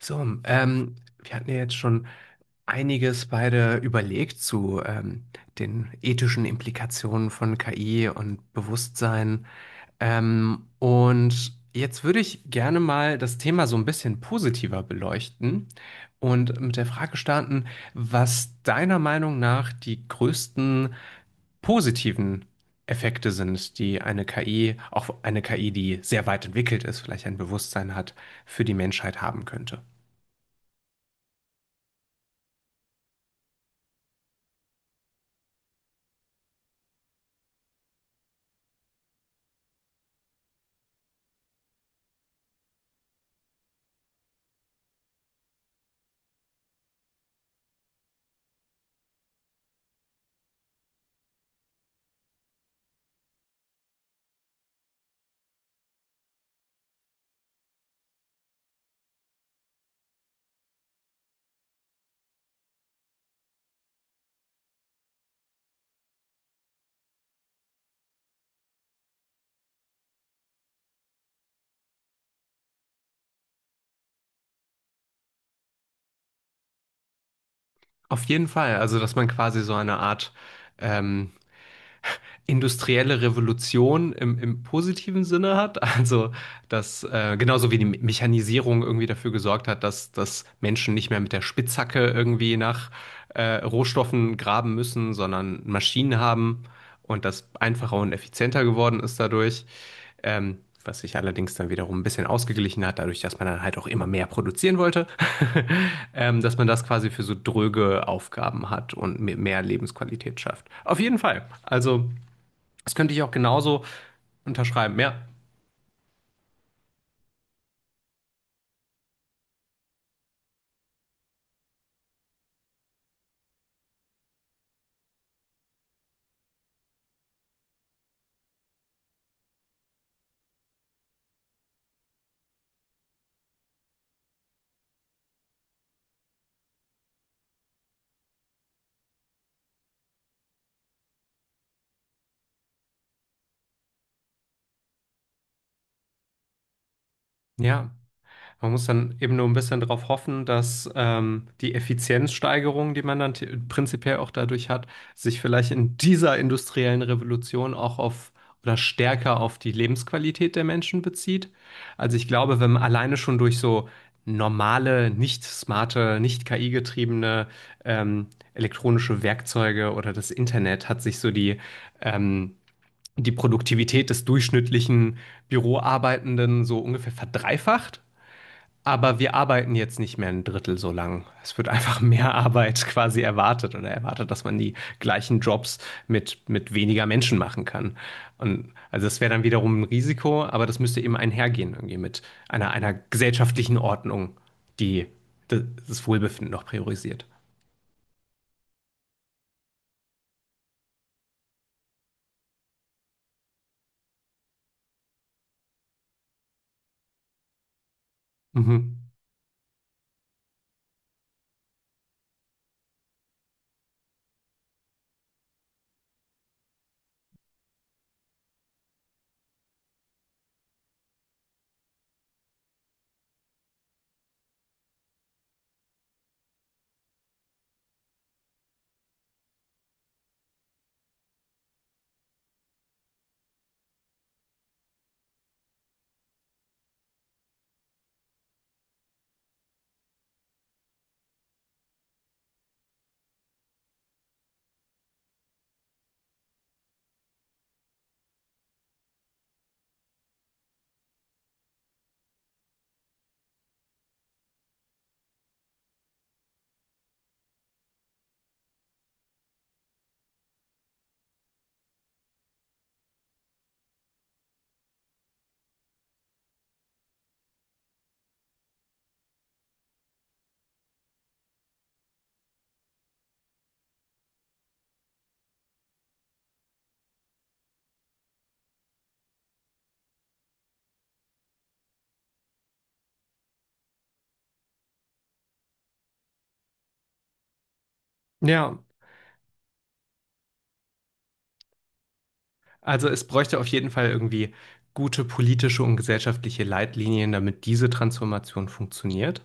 So, ähm, Wir hatten ja jetzt schon einiges beide überlegt zu den ethischen Implikationen von KI und Bewusstsein. Und jetzt würde ich gerne mal das Thema so ein bisschen positiver beleuchten und mit der Frage starten, was deiner Meinung nach die größten positiven Effekte sind, die eine KI, auch eine KI, die sehr weit entwickelt ist, vielleicht ein Bewusstsein hat, für die Menschheit haben könnte. Auf jeden Fall, also dass man quasi so eine Art ähm, industrielle Revolution im, im positiven Sinne hat. Also, dass genauso wie die Mechanisierung irgendwie dafür gesorgt hat, dass Menschen nicht mehr mit der Spitzhacke irgendwie nach Rohstoffen graben müssen, sondern Maschinen haben und das einfacher und effizienter geworden ist dadurch. Ähm, Was sich allerdings dann wiederum ein bisschen ausgeglichen hat, dadurch, dass man dann halt auch immer mehr produzieren wollte, dass man das quasi für so dröge Aufgaben hat und mit mehr Lebensqualität schafft. Auf jeden Fall. Also das könnte ich auch genauso unterschreiben. Ja, ja. Man muss dann eben nur ein bisschen darauf hoffen, dass die Effizienzsteigerung, die man dann prinzipiell auch dadurch hat, sich vielleicht in dieser industriellen Revolution auch auf oder stärker auf die Lebensqualität der Menschen bezieht. Also ich glaube, wenn man alleine schon durch so normale, nicht smarte, nicht KI-getriebene ähm, elektronische Werkzeuge oder das Internet hat sich so die ähm, die Produktivität des durchschnittlichen Büroarbeitenden so ungefähr verdreifacht. Aber wir arbeiten jetzt nicht mehr ein Drittel so lang. Es wird einfach mehr Arbeit quasi erwartet oder erwartet, dass man die gleichen Jobs mit weniger Menschen machen kann. Und also das wäre dann wiederum ein Risiko, aber das müsste eben einhergehen irgendwie mit einer gesellschaftlichen Ordnung, die das Wohlbefinden noch priorisiert. Mhm. Ja, also es bräuchte auf jeden Fall irgendwie gute politische und gesellschaftliche Leitlinien, damit diese Transformation funktioniert.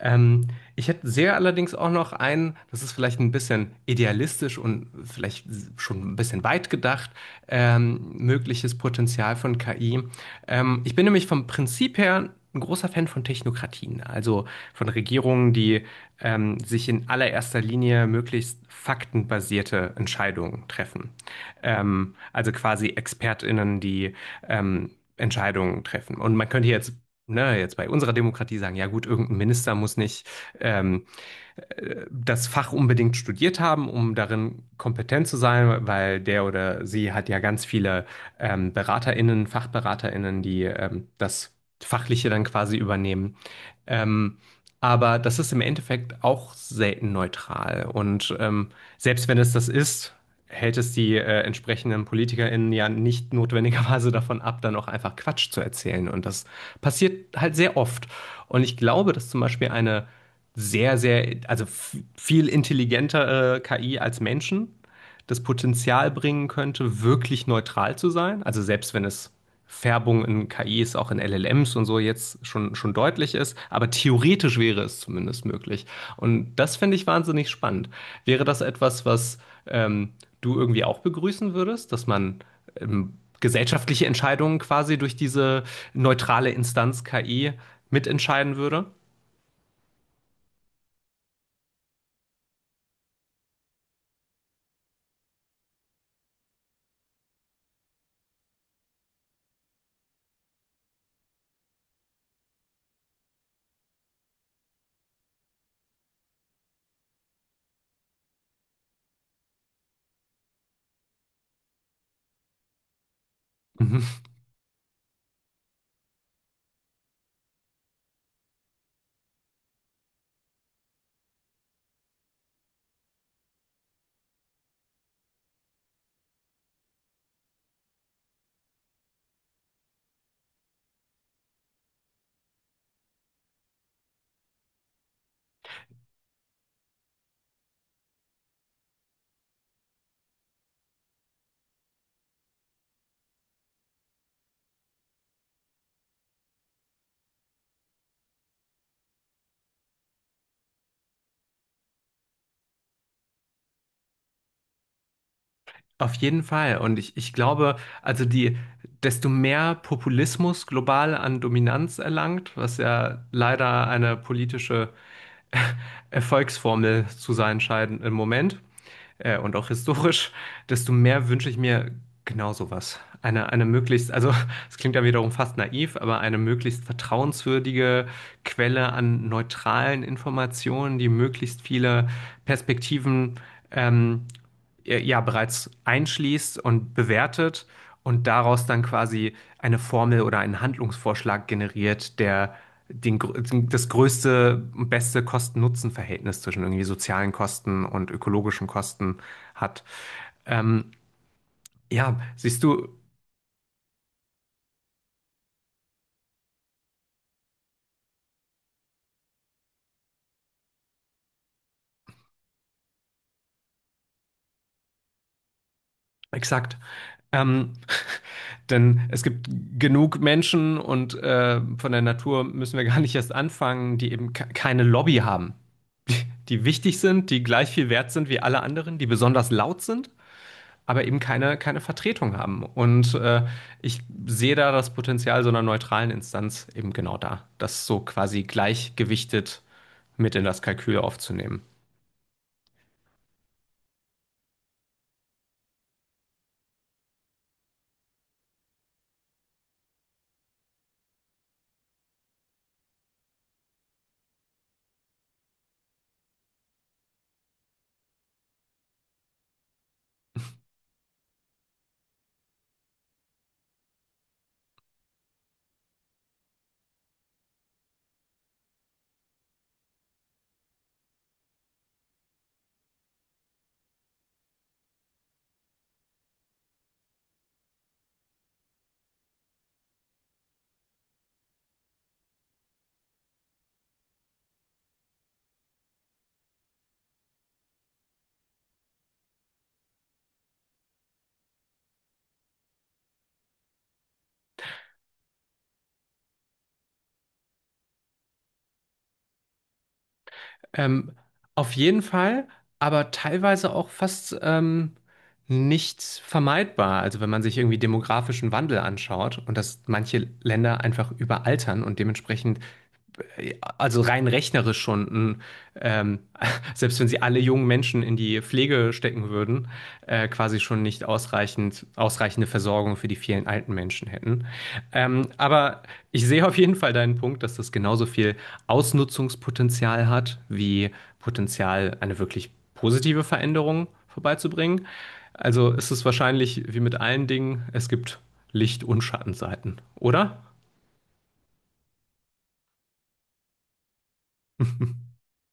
Ähm, Ich hätte sehr allerdings auch noch einen, das ist vielleicht ein bisschen idealistisch und vielleicht schon ein bisschen weit gedacht, mögliches Potenzial von KI. Ich bin nämlich vom Prinzip her ein großer Fan von Technokratien, also von Regierungen, die sich in allererster Linie möglichst faktenbasierte Entscheidungen treffen. Also quasi ExpertInnen, die ähm, Entscheidungen treffen. Und man könnte jetzt ne, jetzt bei unserer Demokratie sagen, ja gut, irgendein Minister muss nicht ähm, das Fach unbedingt studiert haben, um darin kompetent zu sein, weil der oder sie hat ja ganz viele BeraterInnen, FachberaterInnen, die das Fachliche dann quasi übernehmen. Ähm, aber das ist im Endeffekt auch selten neutral. Und selbst wenn es das ist, hält es die entsprechenden PolitikerInnen ja nicht notwendigerweise davon ab, dann auch einfach Quatsch zu erzählen. Und das passiert halt sehr oft. Und ich glaube, dass zum Beispiel eine viel intelligentere KI als Menschen das Potenzial bringen könnte, wirklich neutral zu sein. Also selbst wenn es Färbung in KIs, auch in LLMs und so jetzt schon deutlich ist. Aber theoretisch wäre es zumindest möglich. Und das finde ich wahnsinnig spannend. Wäre das etwas, was ähm, du irgendwie auch begrüßen würdest, dass man ähm, gesellschaftliche Entscheidungen quasi durch diese neutrale Instanz KI mitentscheiden würde? Mhm. Auf jeden Fall. Und ich glaube, also die, desto mehr Populismus global an Dominanz erlangt, was ja leider eine politische Erfolgsformel zu sein scheint im Moment, und auch historisch, desto mehr wünsche ich mir genau sowas. Eine möglichst, also es klingt ja wiederum fast naiv, aber eine möglichst vertrauenswürdige Quelle an neutralen Informationen, die möglichst viele Perspektiven ähm, ja bereits einschließt und bewertet und daraus dann quasi eine Formel oder einen Handlungsvorschlag generiert, der das größte und beste Kosten-Nutzen-Verhältnis zwischen irgendwie sozialen Kosten und ökologischen Kosten hat. Ähm, ja, siehst du, exakt. Ähm, denn es gibt genug Menschen und von der Natur müssen wir gar nicht erst anfangen, die eben keine Lobby haben, die wichtig sind, die gleich viel wert sind wie alle anderen, die besonders laut sind, aber eben keine Vertretung haben. Und ich sehe da das Potenzial so einer neutralen Instanz eben genau da, das so quasi gleichgewichtet mit in das Kalkül aufzunehmen. Ähm, auf jeden Fall, aber teilweise auch fast nicht vermeidbar. Also wenn man sich irgendwie demografischen Wandel anschaut und dass manche Länder einfach überaltern und dementsprechend also rein rechnerisch schon, ein, ähm, selbst wenn sie alle jungen Menschen in die Pflege stecken würden, quasi schon nicht ausreichend, ausreichende Versorgung für die vielen alten Menschen hätten. Aber ich sehe auf jeden Fall deinen Punkt, dass das genauso viel Ausnutzungspotenzial hat, wie Potenzial, eine wirklich positive Veränderung vorbeizubringen. Also ist es wahrscheinlich wie mit allen Dingen, es gibt Licht- und Schattenseiten, oder?